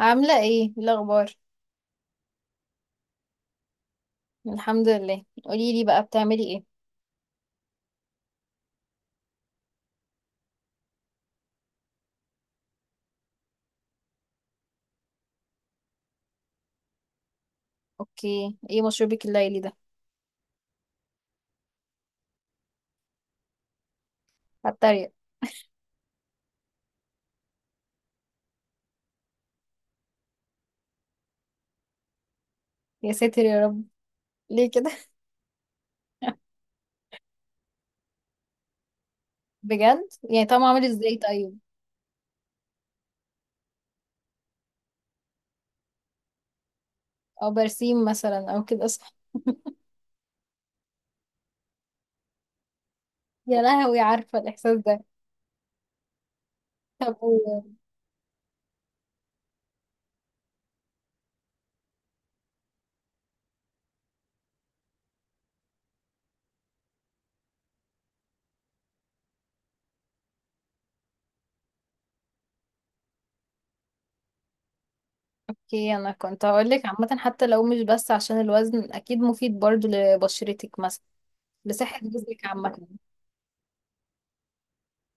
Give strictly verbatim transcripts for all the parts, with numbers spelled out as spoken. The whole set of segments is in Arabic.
عاملة ايه إيه الأخبار؟ الحمد لله، قولي لي بقى بتعملي ايه؟ اوكي، ايه مشروبك الليلي ده؟ هتريق. يا ساتر يا رب. ليه كده؟ بجد؟ يعني طعمه عامل ازاي طيب؟ او برسيم مثلا او كده، صح؟ يا لهوي، عارفة الإحساس ده. طب. و- اوكي انا كنت هقولك عامة، حتى لو مش بس عشان الوزن، اكيد مفيد برضو لبشرتك مثلا، لصحة جسمك عامة.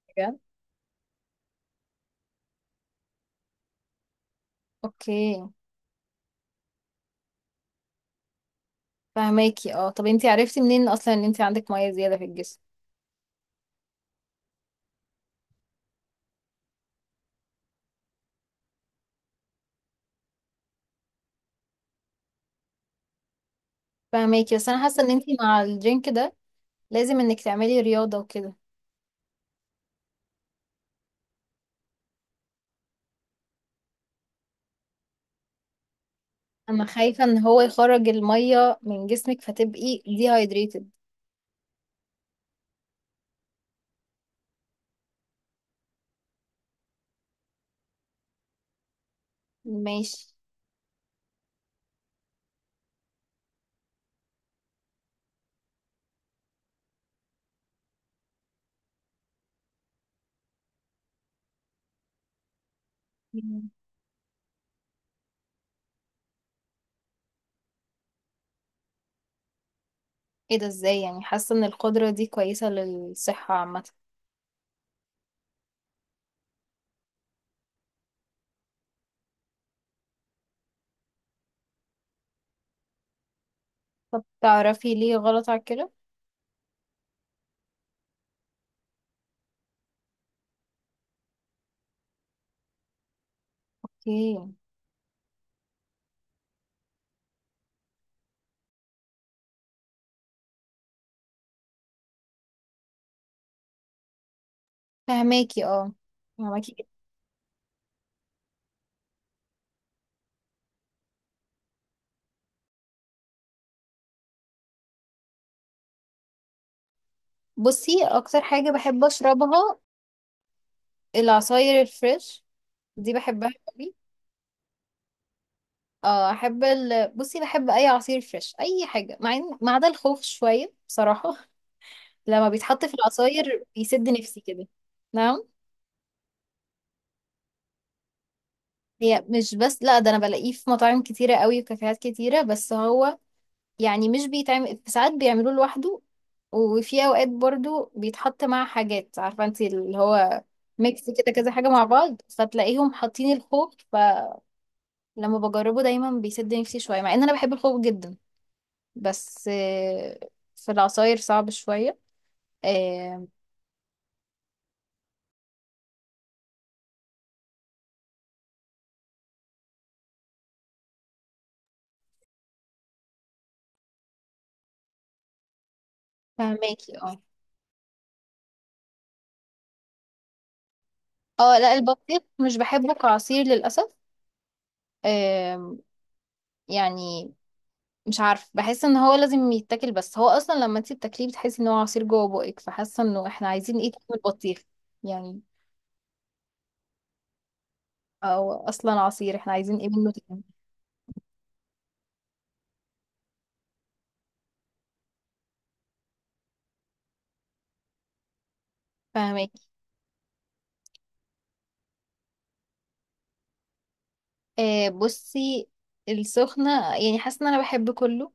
بجد؟ اوكي. فهماكي اه. طب انتي عرفتي منين اصلا ان انتي عندك مية زيادة في الجسم؟ فاهماكي، بس انا حاسه ان انتي مع الدرينك ده لازم انك تعملي رياضه وكده. انا خايفه ان هو يخرج الميه من جسمك فتبقي dehydrated. ماشي. مم. ايه ده ازاي؟ يعني حاسه ان القدره دي كويسه للصحه عامه. طب تعرفي ليه غلط على كده. اوكي. فهماكي اه. فهماكي جدا. بصي، اكتر حاجه بحب اشربها العصاير الفريش، دي بحبها قوي. اه احب ال... بصي، بحب اي عصير فريش، اي حاجه، مع إن- ما عدا الخوخ شويه بصراحه. لما بيتحط في العصاير بيسد نفسي كده. نعم. هي مش بس، لا ده انا بلاقيه في مطاعم كتيرة قوي وكافيهات كتيرة، بس هو يعني مش بيتعمل، في ساعات بيعملوه لوحده، وفي اوقات برضو بيتحط مع حاجات، عارفة انت اللي هو ميكس كده، كذا حاجة مع بعض، فتلاقيهم حاطين الخوخ، فلما بجربه دايما بيسد نفسي شوية، مع ان انا بحب الخوخ جدا. بس آه، في العصاير صعب شوية. آه، فهماكي اه. اه لا، البطيخ مش بحبه كعصير للأسف. آم، يعني مش عارف، بحس ان هو لازم يتاكل، بس هو اصلا لما انت بتاكليه بتحسي ان هو عصير جوه بقك، فحاسه انه احنا عايزين ايه تاني من البطيخ؟ يعني او اصلا عصير، احنا عايزين ايه منه تاني؟ فاهمك. آه بصي، السخنه يعني حاسه ان انا بحب كله،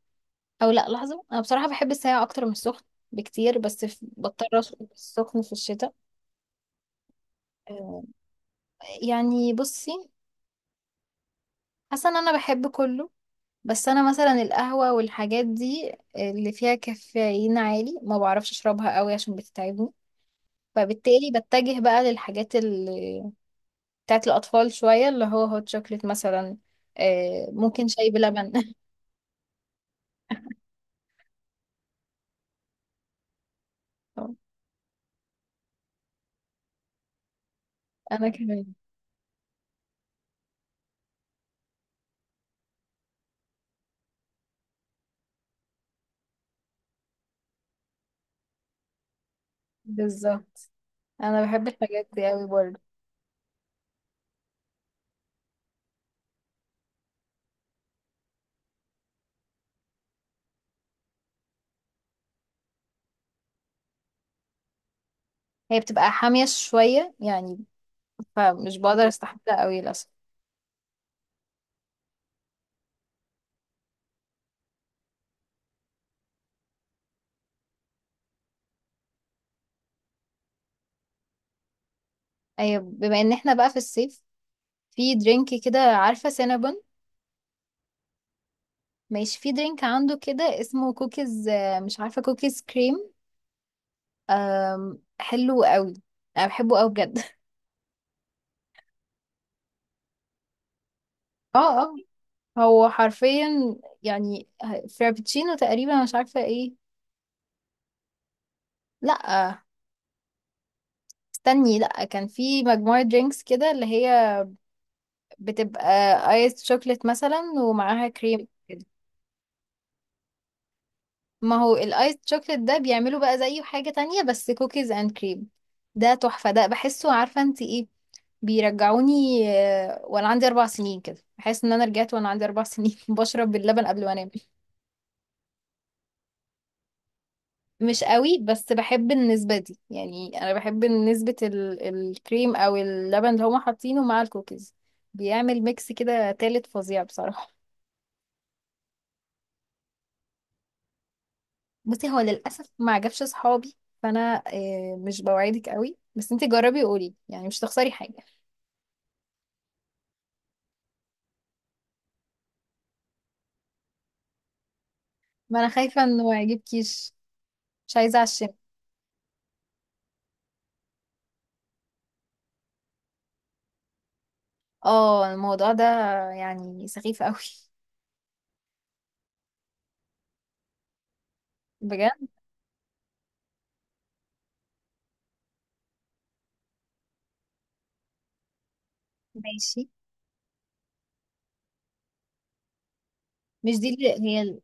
او لا لحظه، انا بصراحه بحب الساقع اكتر من السخن بكتير، بس في- بضطر اشرب السخن في الشتاء. آه، يعني بصي حاسه ان انا بحب كله، بس انا مثلا القهوة والحاجات دي اللي فيها كافيين عالي ما بعرفش اشربها قوي عشان بتتعبني، فبالتالي بتجه بقى للحاجات اللي بتاعت الاطفال شوية، اللي هو هوت شوكليت مثلا، آه، ممكن شاي بلبن. انا كمان. بالظبط، انا بحب الحاجات دي قوي برضه. هي بتبقى حامية شوية يعني، فمش بقدر استحملها قوي للاسف. أيوة، بما ان احنا بقى في الصيف، في درينك كده، عارفة سينابون؟ ماشي، في درينك عنده كده اسمه كوكيز، آه، مش عارفة، كوكيز كريم. آم، حلو قوي، انا بحبه قوي بجد. اه. اه هو حرفيا يعني فرابتشينو تقريبا، مش عارفة ايه. لا استني، لا كان في مجموعة درينكس كده اللي هي بتبقى ايس شوكليت مثلا، ومعاها كريم كده. ما هو الايس شوكليت ده بيعملوا بقى زيه حاجة تانية، بس كوكيز اند كريم ده تحفة، ده بحسه، عارفة انت ايه؟ بيرجعوني، آه، وانا عندي اربع سنين كده، بحس ان انا رجعت وانا عندي اربع سنين بشرب اللبن قبل ما انام. مش قوي، بس بحب النسبة دي، يعني انا بحب نسبة ال- الكريم او اللبن اللي هما حاطينه مع الكوكيز، بيعمل ميكس كده تالت فظيع بصراحة. بصي هو للأسف ما عجبش صحابي، فانا آه، مش بوعدك قوي، بس انتي جربي وقولي، يعني مش تخسري حاجة. ما انا خايفة انه ما يعجبكيش، مش عايزة اعشمك. اه، الموضوع ده يعني سخيف قوي. بجد. ماشي. مش دي اللي هي ال-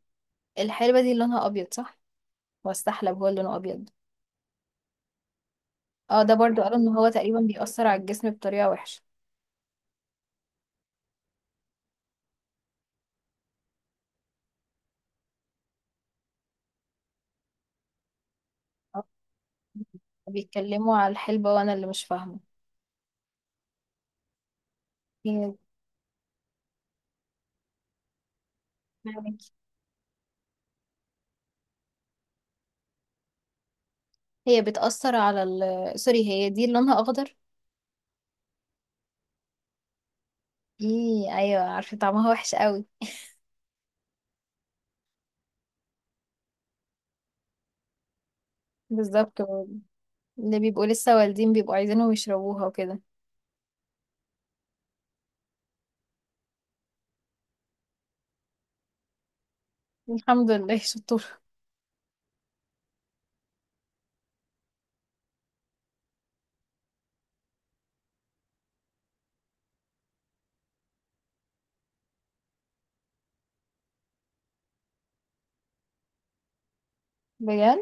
الحلبة دي اللي لونها أبيض، صح؟ واستحلب هو اللي لونه أبيض. اه ده برضو قالوا إن هو تقريبا بيأثر على الجسم بطريقة وحشة. آه. بيتكلموا على الحلبة وأنا اللي مش فاهمة. هي. فاهمك. هي بتأثر على ال سوري، هي دي اللي لونها أخضر؟ ايه، أيوة عارفة طعمها وحش قوي. بالظبط. اللي بيبقوا لسه والدين بيبقوا عايزينهم يشربوها وكده. الحمد لله شطور بجد.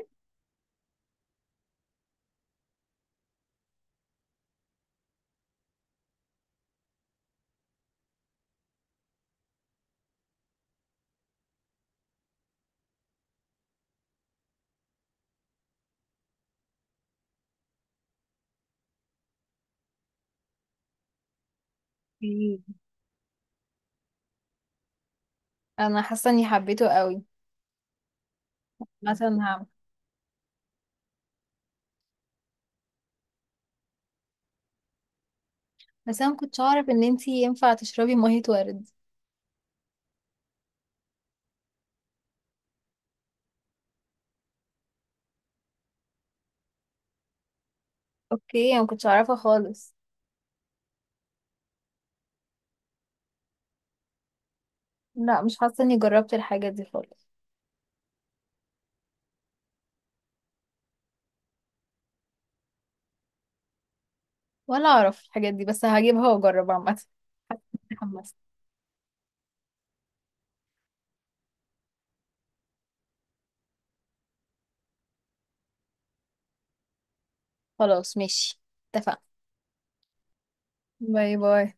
مم. أنا حاسة إني حبيته قوي، مثلا هعمل. بس أنا مكنتش أعرف إن انتي ينفع تشربي مية ورد. اوكي، انا مكنتش اعرفها خالص. لا مش حاسه اني جربت الحاجات دي خالص. ولا اعرف الحاجات دي، بس هجيبها واجرب عامه. متحمسه. خلاص ماشي، اتفقنا. باي باي.